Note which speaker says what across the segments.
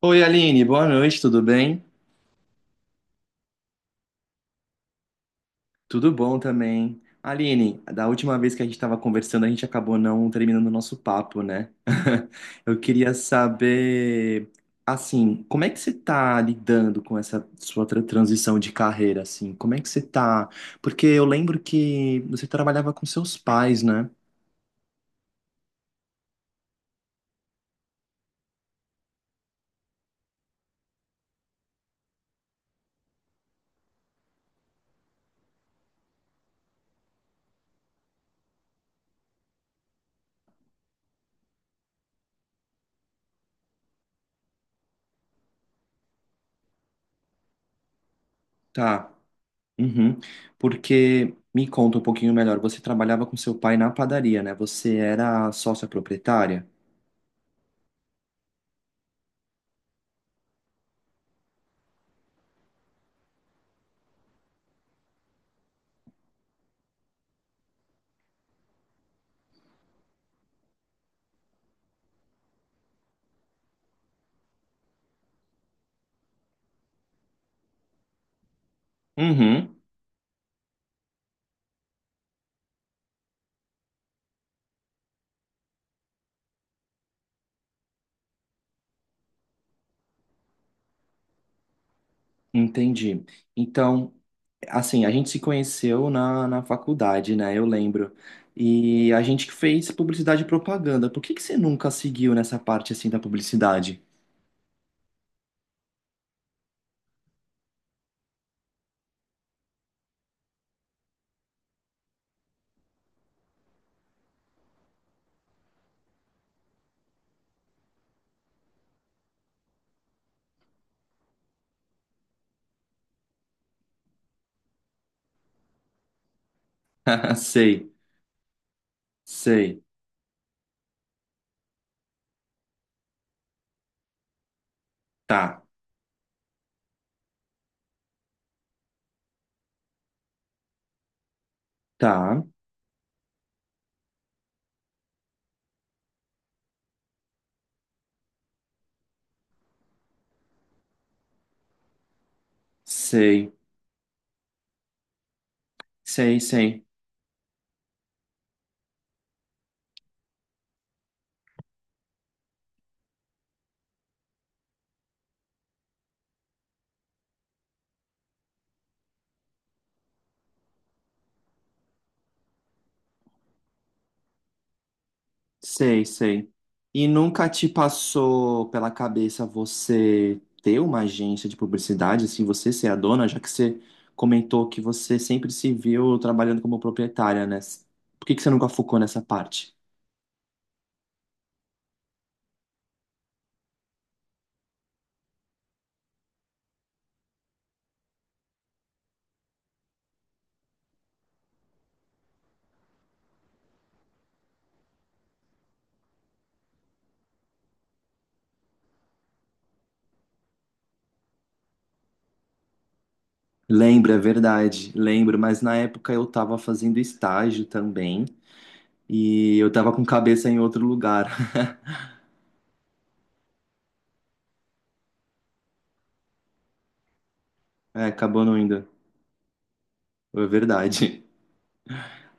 Speaker 1: Oi, Aline, boa noite, tudo bem? Tudo bom também. Aline, da última vez que a gente estava conversando, a gente acabou não terminando o nosso papo, né? Eu queria saber, assim, como é que você está lidando com essa sua transição de carreira, assim? Como é que você tá? Porque eu lembro que você trabalhava com seus pais, né? Tá. Uhum. Porque me conta um pouquinho melhor, você trabalhava com seu pai na padaria, né? Você era sócia proprietária? Uhum. Entendi. Então, assim, a gente se conheceu na faculdade, né? Eu lembro. E a gente que fez publicidade e propaganda. Por que que você nunca seguiu nessa parte assim da publicidade? Sei, sei. Tá, tá. Sei, sei, sei. Sei, sei. E nunca te passou pela cabeça você ter uma agência de publicidade, assim, você ser a dona, já que você comentou que você sempre se viu trabalhando como proprietária, né? Por que que você nunca focou nessa parte? Lembro, é verdade, lembro, mas na época eu tava fazendo estágio também e eu tava com cabeça em outro lugar. É, acabou não indo. É verdade.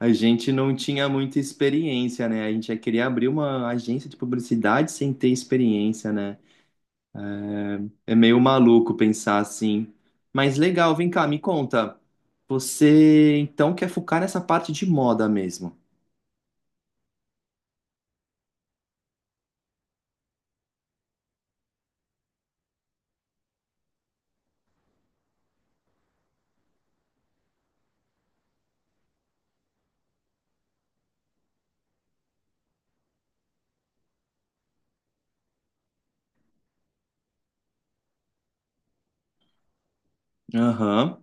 Speaker 1: A gente não tinha muita experiência, né? A gente já queria abrir uma agência de publicidade sem ter experiência, né? É meio maluco pensar assim. Mas legal, vem cá, me conta. Você então quer focar nessa parte de moda mesmo? Aham.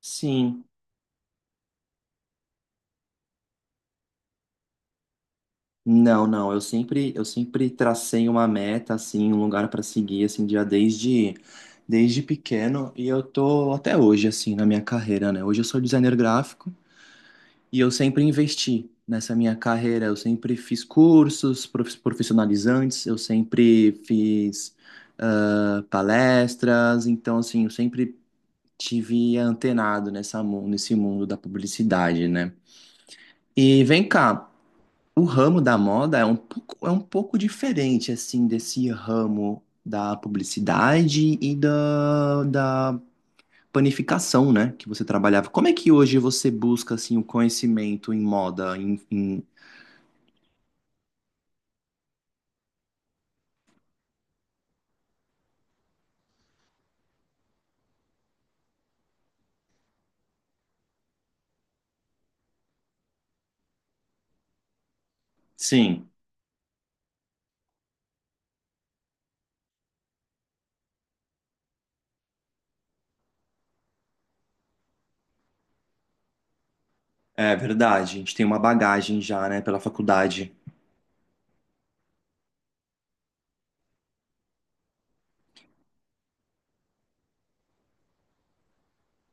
Speaker 1: Sim. Não, não, eu sempre tracei uma meta assim, um lugar para seguir assim já desde desde pequeno e eu tô até hoje assim na minha carreira, né? Hoje eu sou designer gráfico. E eu sempre investi nessa minha carreira. Eu sempre fiz cursos profissionalizantes, eu sempre fiz palestras. Então, assim, eu sempre tive antenado nessa, nesse mundo da publicidade, né? E vem cá, o ramo da moda é um pouco diferente, assim, desse ramo da publicidade e da panificação, né, que você trabalhava. Como é que hoje você busca, assim, o conhecimento em moda, em... Sim, é verdade. A gente tem uma bagagem já, né, pela faculdade.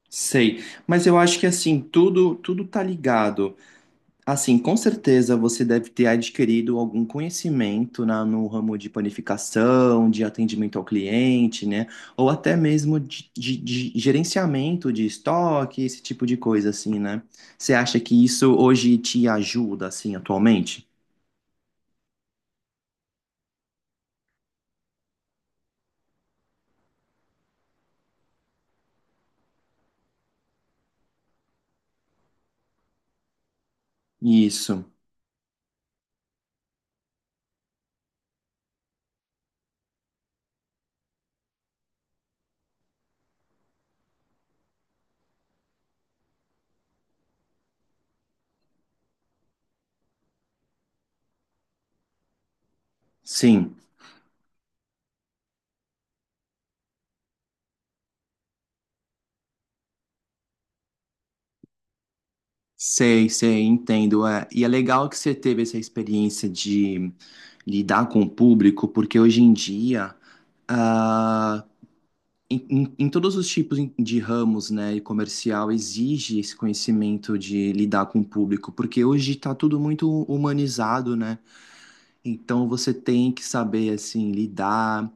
Speaker 1: Sei, mas eu acho que assim, tudo tá ligado. Assim, com certeza você deve ter adquirido algum conhecimento na, no ramo de panificação, de atendimento ao cliente, né? Ou até mesmo de gerenciamento de estoque, esse tipo de coisa, assim, né? Você acha que isso hoje te ajuda, assim, atualmente? Isso, sim. Sei, sei, entendo. É. E é legal que você teve essa experiência de lidar com o público, porque hoje em dia, ah, em, em todos os tipos de ramos, né, e comercial, exige esse conhecimento de lidar com o público, porque hoje está tudo muito humanizado, né? Então você tem que saber, assim, lidar,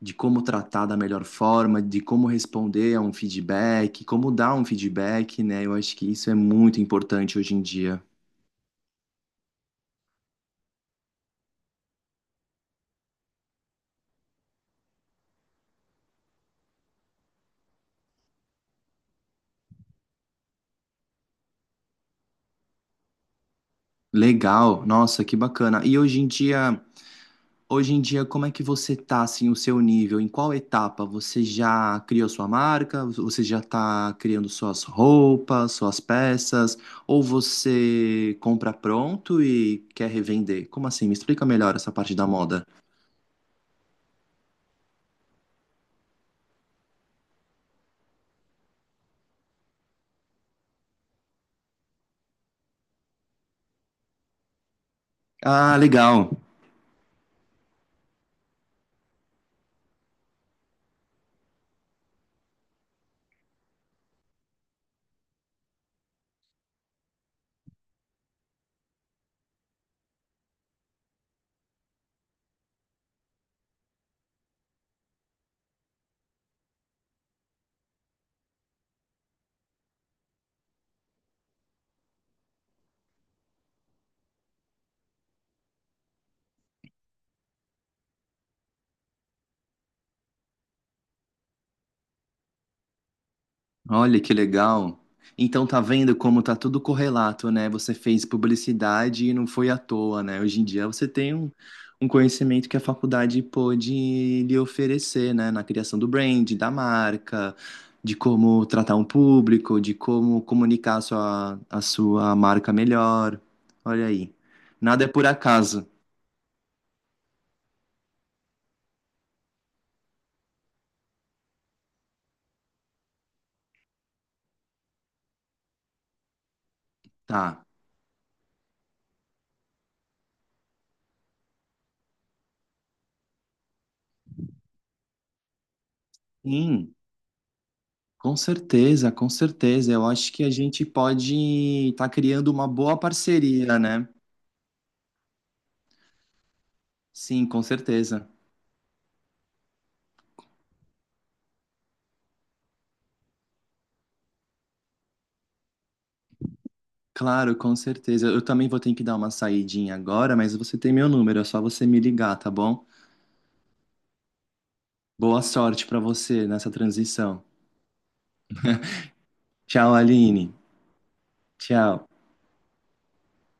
Speaker 1: de como tratar da melhor forma, de como responder a um feedback, como dar um feedback, né? Eu acho que isso é muito importante hoje em dia. Legal, nossa, que bacana. E hoje em dia, como é que você tá assim, o seu nível? Em qual etapa? Você já criou sua marca? Você já tá criando suas roupas, suas peças? Ou você compra pronto e quer revender? Como assim? Me explica melhor essa parte da moda. Ah, legal. Olha que legal. Então tá vendo como tá tudo correlato, né? Você fez publicidade e não foi à toa, né? Hoje em dia você tem um, um conhecimento que a faculdade pôde lhe oferecer, né? Na criação do brand, da marca, de como tratar um público, de como comunicar a sua marca melhor. Olha aí. Nada é por acaso. Tá. Sim. Com certeza, com certeza. Eu acho que a gente pode estar criando uma boa parceria, né? Sim, com certeza. Claro, com certeza. Eu também vou ter que dar uma saidinha agora, mas você tem meu número, é só você me ligar, tá bom? Boa sorte pra você nessa transição. Tchau, Aline. Tchau.